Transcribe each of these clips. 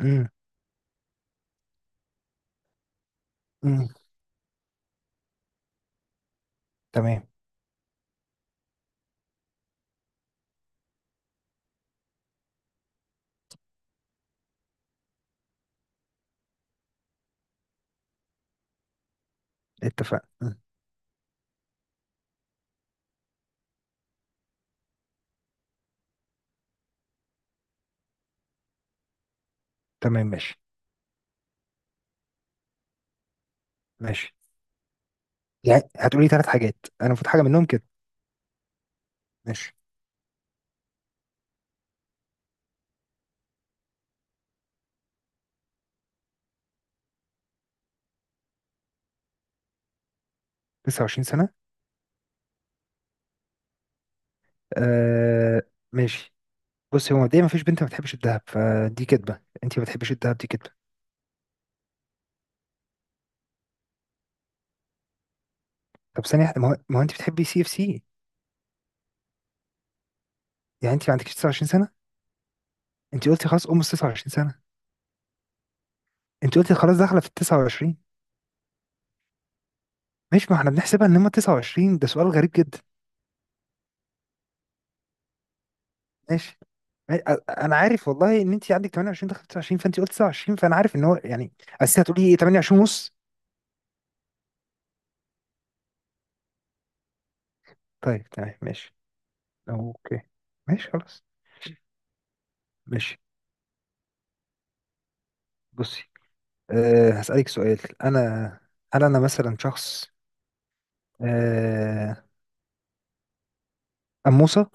امم. امم. تمام، اتفقنا مم. تمام ماشي. ماشي، يعني هتقولي ثلاث حاجات انا المفروض حاجه منهم كده؟ ماشي. 29 سنه. آه، ماشي. بصي، هو مبدئيا مفيش بنت ما بتحبش الذهب، فدي كدبه، انت ما بتحبيش الذهب، دي كدبه. طب ثانيه واحدة، ما هو انت بتحبي سي اف سي. يعني انت ما عندكش 29 سنه. انت قلتي خلاص ال 29 سنه. انت قلتي خلاص داخله في ال 29. ماشي، ما احنا بنحسبها ان هم 29، ده سؤال غريب جدا. ماشي، يعني انا عارف والله ان انت عندك 28 دخلت 29، فانت قلت 29 فانا عارف ان هو يعني. اصل هتقولي ايه؟ 28 ونص. طيب تمام ماشي. اوكي ماشي خلاص ماشي بصي. هسألك سؤال. انا، هل انا مثلا شخص أه أموسة؟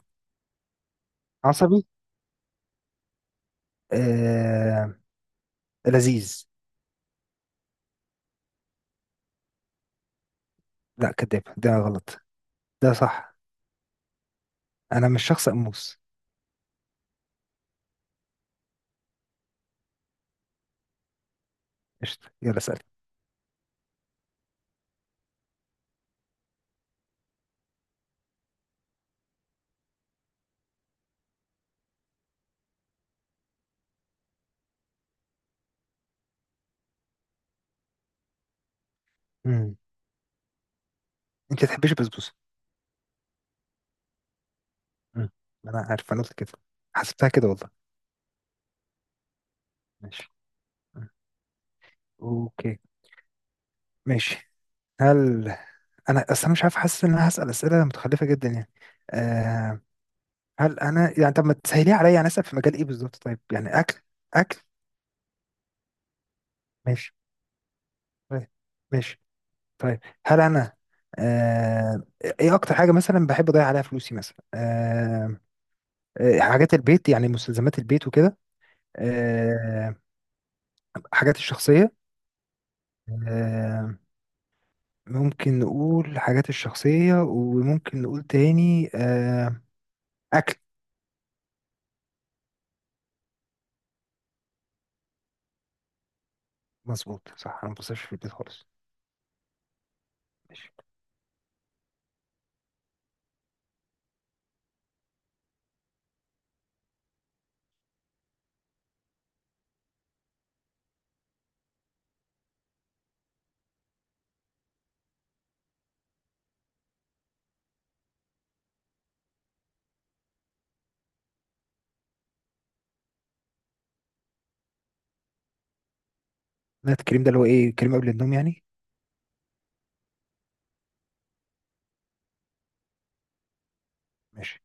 عصبي؟ أه لذيذ؟ لا كذاب ده غلط. ده صح، انا مش شخص أموس. قشطة، يلا اسألي. امم. انت ما تحبيش البسبوسة. مم. انا عارف، انا قلت كده. حسبتها كده والله. ماشي. مم. اوكي ماشي. هل انا اصلا مش عارف، حاسس ان انا هسأل اسئله متخلفه جدا يعني. أه هل انا يعني طب ما تسهليها عليا، يعني اسأل في مجال ايه بالظبط؟ طيب يعني اكل. اكل. ماشي طيب ماشي طيب. هل انا أه ايه اكتر حاجه مثلا بحب اضيع عليها فلوسي مثلا؟ حاجات البيت يعني مستلزمات البيت وكده. أه حاجات الشخصيه. أه ممكن نقول حاجات الشخصيه، وممكن نقول تاني اكل. مظبوط صح، انا ما بصرفش في البيت خالص. ماشي. نايت كريم ده اللي هو ايه؟ كريم قبل النوم يعني؟ ماشي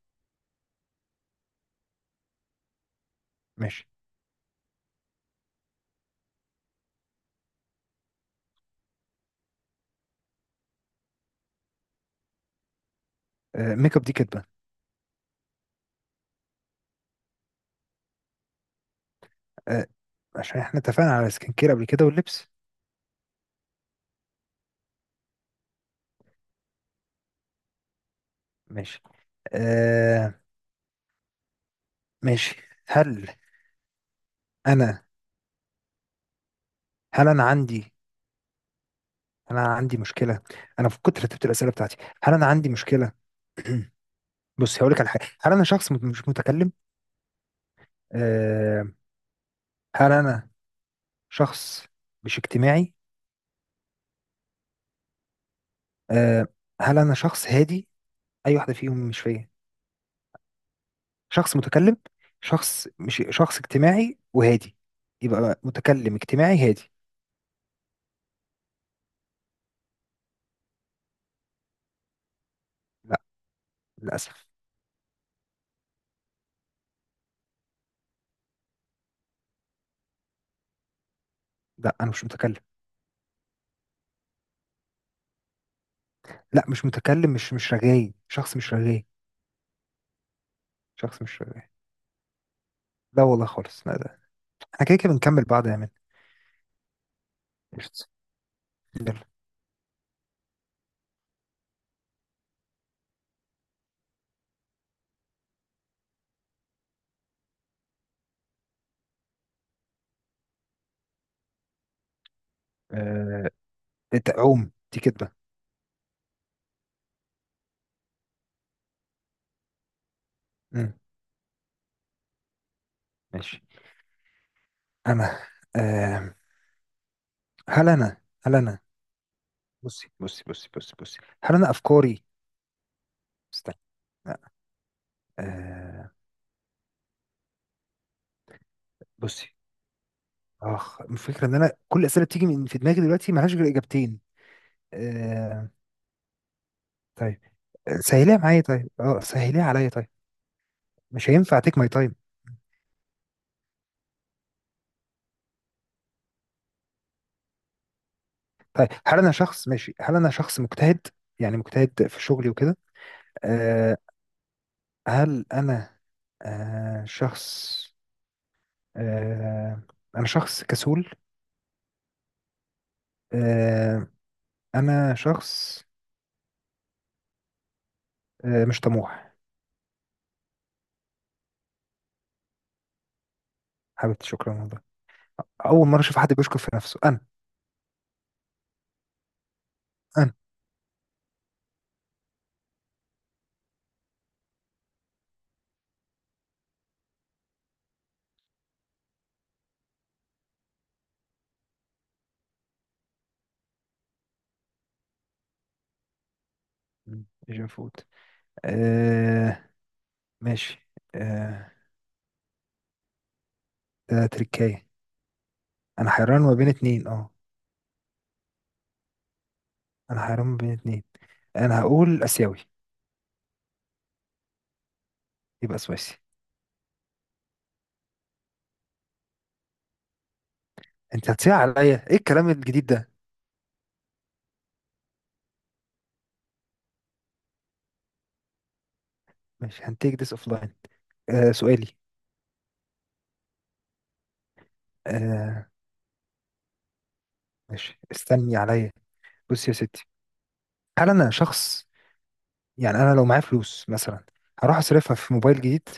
ماشي. ميك اب دي كدبة. آه عشان احنا اتفقنا على سكين كير قبل كده واللبس. ماشي. آه ماشي. هل انا، هل انا انا عندي مشكلة، انا في كتر رتبت الأسئلة بتاعتي. هل انا عندي مشكلة؟ بص، هقول لك على حاجة. هل انا شخص مش متكلم؟ آه هل انا شخص مش اجتماعي؟ آه هل انا شخص هادي؟ اي واحدة فيهم مش فيا؟ شخص متكلم، شخص مش شخص اجتماعي وهادي، يبقى متكلم اجتماعي هادي. لا، للاسف. لا، انا مش متكلم. لا، مش متكلم، مش رغاي، شخص مش رغاي. شخص مش رغاي. لا والله خالص، لا ده احنا كده كده بنكمل بعض يا مان. قشطة. يلا. آه... انت عوم دي كدبة. مم. ماشي. انا آه... هل انا بصي بصي بصي بصي بصي، هل انا افكاري؟ استنى، لا. آه... بصي اخ، الفكره ان انا كل الاسئله بتيجي من في دماغي دلوقتي ملهاش غير اجابتين. آه طيب. آه، سهليها معايا طيب سهليها عليا طيب. مش هينفع تيك ماي تايم. طيب هل انا شخص ماشي هل انا شخص مجتهد؟ يعني مجتهد في شغلي وكده. آه هل انا شخص آه انا شخص كسول. آه انا شخص مش طموح. حبيبتي شكرا والله. اول مره اشوف حد بيشكر في نفسه. انا. انا مم، مش المفروض. آه ماشي. آه، ده تركاية. انا حيران ما بين اتنين اه انا حيران ما بين اتنين. انا هقول اسيوي. يبقى سويسي. انت هتصيح عليا، ايه الكلام الجديد ده؟ مش هنتيك ذس اوف لاين. آه سؤالي. آه ماشي، استني عليا. بص يا ستي. هل انا شخص، يعني انا لو معايا فلوس مثلا، هروح اصرفها في موبايل جديد،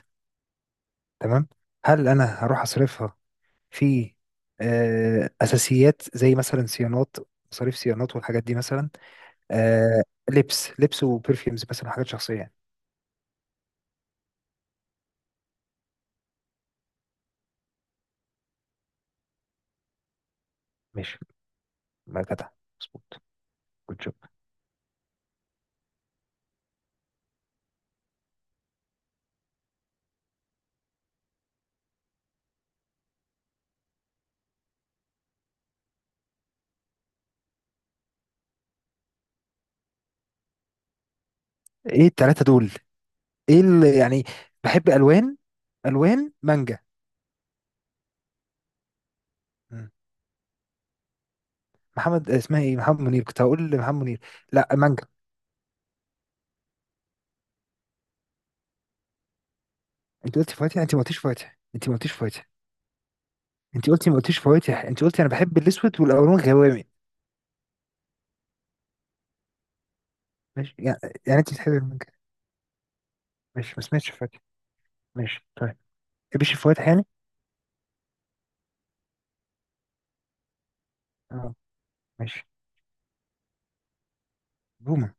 تمام؟ هل انا هروح اصرفها في اساسيات زي مثلا صيانات، مصاريف صيانات والحاجات دي مثلا. آه لبس لبس وبرفيومز مثلا، حاجات شخصية يعني. ماشي، ما جدع، مظبوط، جود جوب. ايه التلاتة دول؟ ايه اللي يعني بحب الوان؟ الوان مانجا. مم. محمد، اسمها ايه؟ محمد منير، كنت هقول لمحمد منير. لا مانجا. انت قلتي فواتح، انت ما قلتيش فواتح، انت ما قلتيش فواتح. انت قلتي ما قلتيش فواتح، انت قلتي انا بحب الاسود والالوان غوامي. ماشي يعني، يعني انت بتحبي المانجا؟ ماشي ما سمعتش فواتح. ماشي طيب ما بتحبيش الفواتح يعني. اه. ماشي. بومه.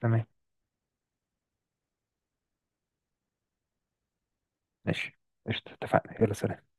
تمام ماشي. قشطة اتفقنا، يلا سلام.